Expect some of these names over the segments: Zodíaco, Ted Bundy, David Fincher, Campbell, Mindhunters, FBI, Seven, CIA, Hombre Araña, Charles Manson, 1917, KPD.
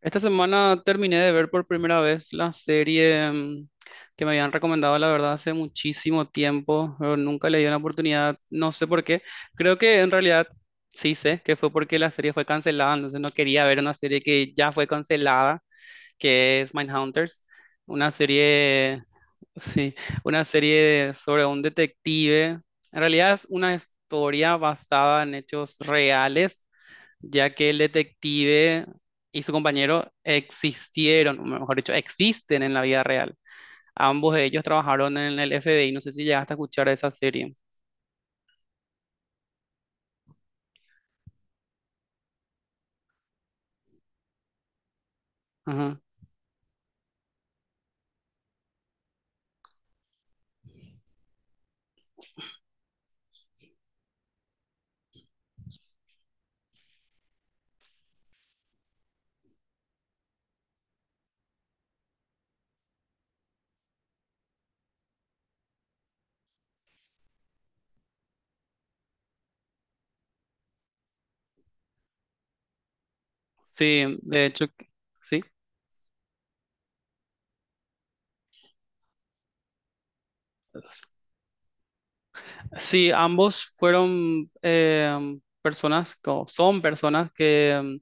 Esta semana terminé de ver por primera vez la serie que me habían recomendado, la verdad, hace muchísimo tiempo, pero nunca le di una oportunidad, no sé por qué. Creo que en realidad sí sé que fue porque la serie fue cancelada, entonces no quería ver una serie que ya fue cancelada, que es Mindhunters, una serie, sí, una serie sobre un detective. En realidad es una historia basada en hechos reales ya que el detective y su compañero existieron, o mejor dicho, existen en la vida real. Ambos de ellos trabajaron en el FBI, no sé si llegaste a escuchar esa serie. Ajá. Sí, de hecho, sí. Sí, ambos fueron personas, o son personas que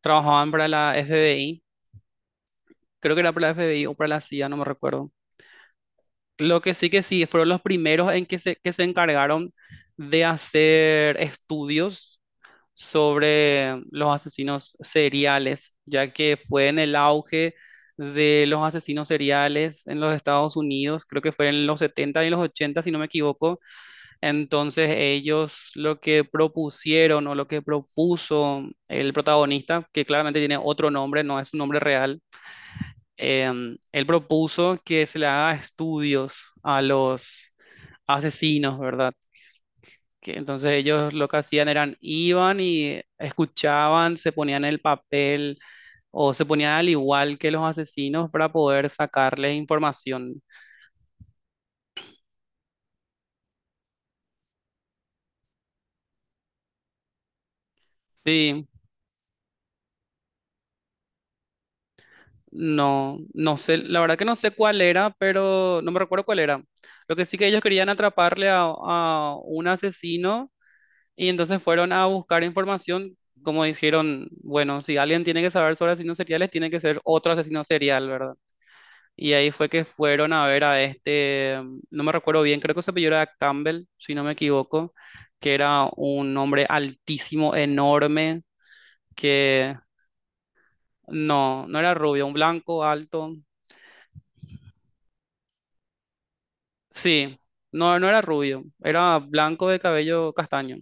trabajaban para la FBI, creo que era para la FBI o para la CIA, no me recuerdo. Lo que sí, fueron los primeros en que que se encargaron de hacer estudios sobre los asesinos seriales, ya que fue en el auge de los asesinos seriales en los Estados Unidos, creo que fue en los 70 y los 80 si no me equivoco. Entonces ellos lo que propusieron o lo que propuso el protagonista, que claramente tiene otro nombre, no es su nombre real, él propuso que se le haga estudios a los asesinos, ¿verdad? Que entonces ellos lo que hacían eran iban y escuchaban, se ponían el papel o se ponían al igual que los asesinos para poder sacarles información. Sí, no, no sé, la verdad que no sé cuál era, pero no me recuerdo cuál era. Lo que sí que ellos querían atraparle a un asesino y entonces fueron a buscar información. Como dijeron, bueno, si alguien tiene que saber sobre asesinos seriales, tiene que ser otro asesino serial, ¿verdad? Y ahí fue que fueron a ver a este, no me recuerdo bien, creo que se apellidó era Campbell, si no me equivoco, que era un hombre altísimo, enorme, que no, no era rubio, un blanco alto. Sí, no, no era rubio, era blanco de cabello castaño.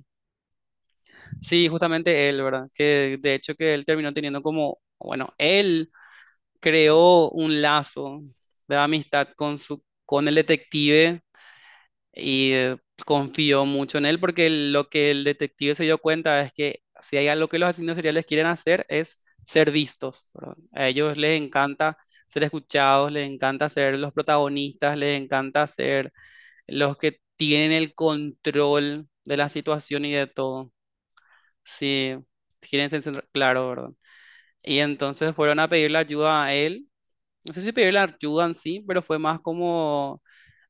Sí, justamente él, ¿verdad? Que de hecho que él terminó teniendo como, bueno, él creó un lazo de amistad con su, con el detective. Y confió mucho en él porque lo que el detective se dio cuenta es que si hay algo que los asesinos seriales quieren hacer es ser vistos, ¿verdad? A ellos les encanta ser escuchados, les encanta ser los protagonistas, les encanta ser los que tienen el control de la situación y de todo. Sí, quieren ser, claro, ¿verdad? Y entonces fueron a pedirle ayuda a él, no sé si pedir la ayuda en sí, pero fue más como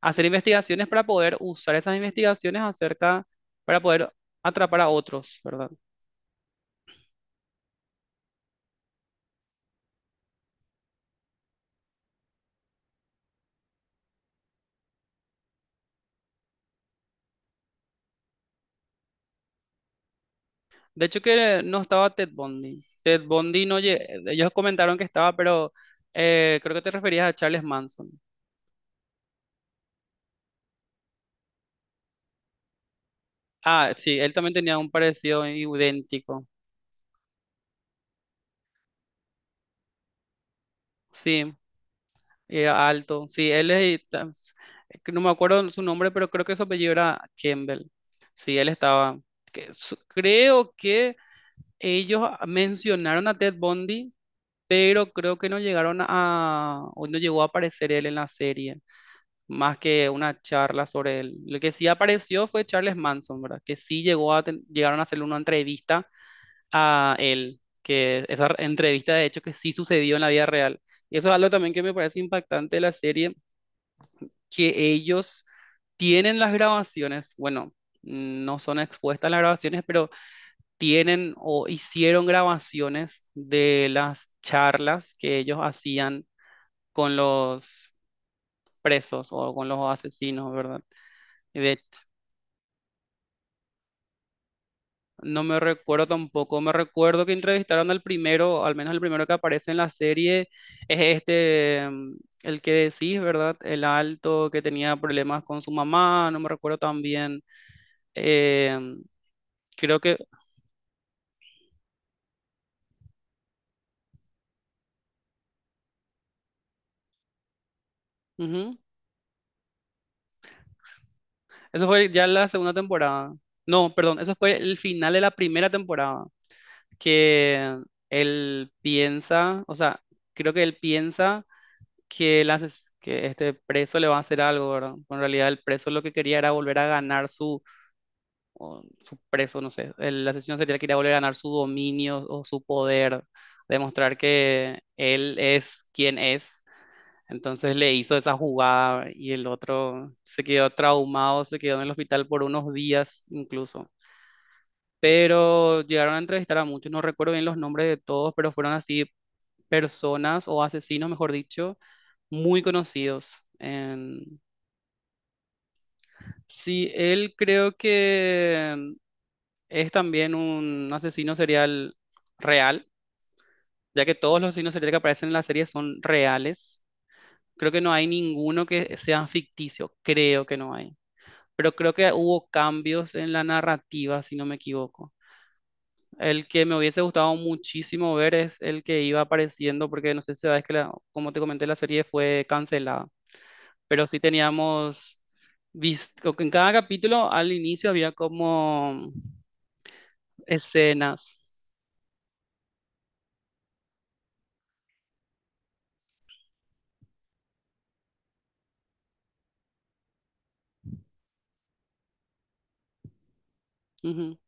hacer investigaciones para poder usar esas investigaciones acerca, para poder atrapar a otros, ¿verdad? De hecho que no estaba Ted Bundy. Ted Bundy no, ellos comentaron que estaba, pero creo que te referías a Charles Manson. Ah, sí, él también tenía un parecido idéntico. Sí, era alto. Sí, que no me acuerdo su nombre, pero creo que su apellido era Campbell. Sí, él estaba. Creo que ellos mencionaron a Ted Bundy, pero creo que no llegaron a, o no llegó a aparecer él en la serie, más que una charla sobre él. Lo que sí apareció fue Charles Manson, ¿verdad? Que sí llegó a, llegaron a hacerle una entrevista a él, que esa entrevista de hecho que sí sucedió en la vida real. Y eso es algo también que me parece impactante de la serie, que ellos tienen las grabaciones, bueno, no son expuestas las grabaciones, pero tienen o hicieron grabaciones de las charlas que ellos hacían con los presos o con los asesinos, ¿verdad? Y de hecho, no me recuerdo tampoco, me recuerdo que entrevistaron al primero, al menos el primero que aparece en la serie, es este, el que decís, ¿verdad? El alto que tenía problemas con su mamá, no me recuerdo tan bien. Em, creo que... Ujú. Eso fue ya la segunda temporada. No, perdón, eso fue el final de la primera temporada. Que él piensa, o sea, creo que él piensa que, que este preso le va a hacer algo, ¿verdad? Pero en realidad el preso lo que quería era volver a ganar su, o su preso, no sé, el asesino serial quería volver a ganar su dominio o su poder, demostrar que él es quien es. Entonces le hizo esa jugada y el otro se quedó traumado, se quedó en el hospital por unos días incluso, pero llegaron a entrevistar a muchos, no recuerdo bien los nombres de todos, pero fueron así personas o asesinos, mejor dicho, muy conocidos. Sí, él creo que es también un asesino serial real, ya que todos los asesinos seriales que aparecen en la serie son reales. Creo que no hay ninguno que sea ficticio, creo que no hay. Pero creo que hubo cambios en la narrativa, si no me equivoco. El que me hubiese gustado muchísimo ver es el que iba apareciendo, porque no sé si sabes que, como te comenté, la serie fue cancelada, pero sí teníamos visto que en cada capítulo al inicio había como escenas. Ujú.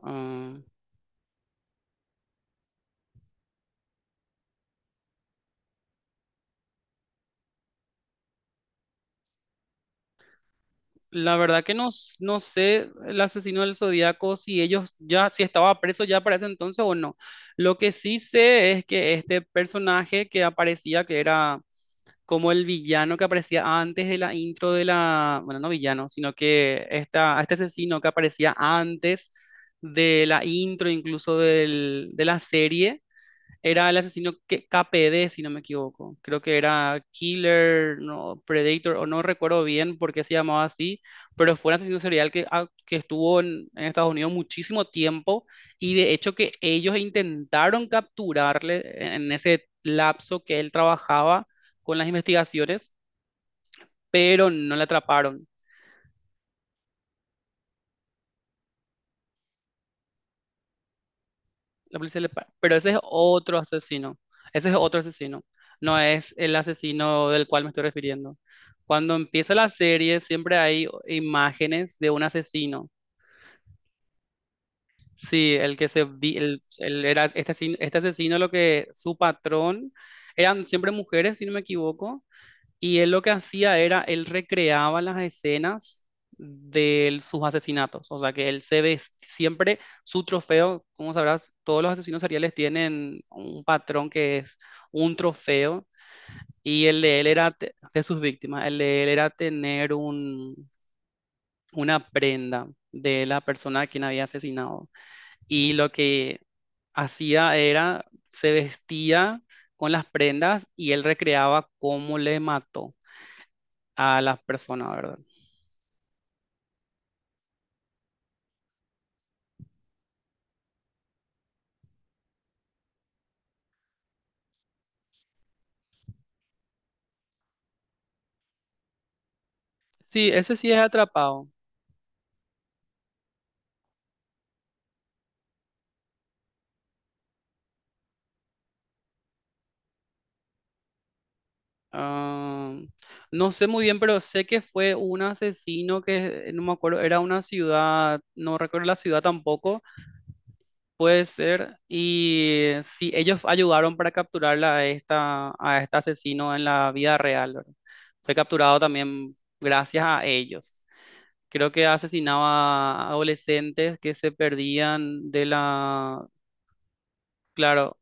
Ah, la verdad que no, no sé el asesino del Zodíaco si ellos ya, si estaba preso ya para ese entonces o no. Lo que sí sé es que este personaje que aparecía, que era como el villano que aparecía antes de la intro de la, bueno, no villano, sino que esta, este asesino que aparecía antes de la intro incluso de la serie, era el asesino que, KPD, si no me equivoco. Creo que era Killer, no, Predator, o no recuerdo bien por qué se llamaba así, pero fue un asesino serial que, que estuvo en Estados Unidos muchísimo tiempo y de hecho que ellos intentaron capturarle en ese lapso que él trabajaba con las investigaciones, pero no le atraparon. La policía le para. Pero ese es otro asesino. Ese es otro asesino. No es el asesino del cual me estoy refiriendo. Cuando empieza la serie, siempre hay imágenes de un asesino. Sí, el que se vi- el- era este asesino lo que su patrón eran siempre mujeres, si no me equivoco, y él lo que hacía era, él recreaba las escenas sus asesinatos. O sea, que él se vestía, siempre su trofeo, como sabrás, todos los asesinos seriales tienen un patrón que es un trofeo. Y el de él era, de sus víctimas, el de él era tener un, una prenda de la persona a quien había asesinado. Y lo que hacía era, se vestía con las prendas y él recreaba cómo le mató a las personas, ¿verdad? Sí, ese sí es atrapado. Ah, no sé muy bien, pero sé que fue un asesino que, no me acuerdo, era una ciudad, no recuerdo la ciudad tampoco, puede ser. Y sí, ellos ayudaron para capturarla a, esta, a este asesino en la vida real, ¿verdad? Fue capturado también gracias a ellos. Creo que asesinaba a adolescentes que se perdían de la... Claro,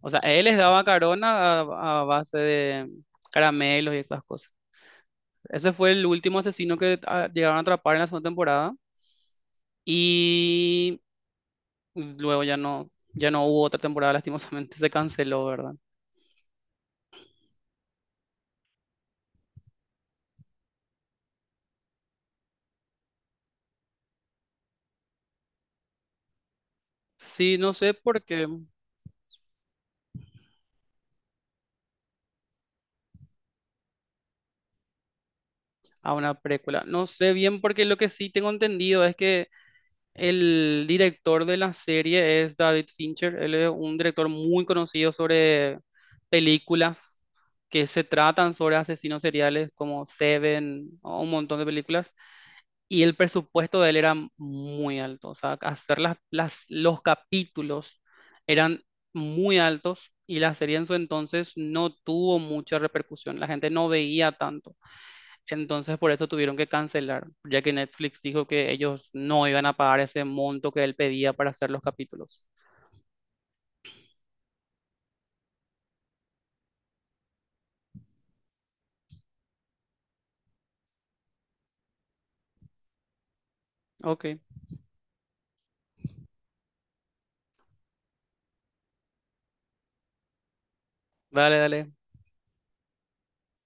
o sea, él les daba carona a base de caramelos y esas cosas. Ese fue el último asesino que llegaron a atrapar en la segunda temporada. Y luego ya no, ya no hubo otra temporada, lastimosamente. Se canceló, ¿verdad? Sí, no sé por qué. A una precuela. No sé bien porque lo que sí tengo entendido es que el director de la serie es David Fincher. Él es un director muy conocido sobre películas que se tratan sobre asesinos seriales como Seven o un montón de películas. Y el presupuesto de él era muy alto. O sea, hacer las, los capítulos eran muy altos y la serie en su entonces no tuvo mucha repercusión. La gente no veía tanto. Entonces por eso tuvieron que cancelar, ya que Netflix dijo que ellos no iban a pagar ese monto que él pedía para hacer los capítulos. Ok, dale, dale.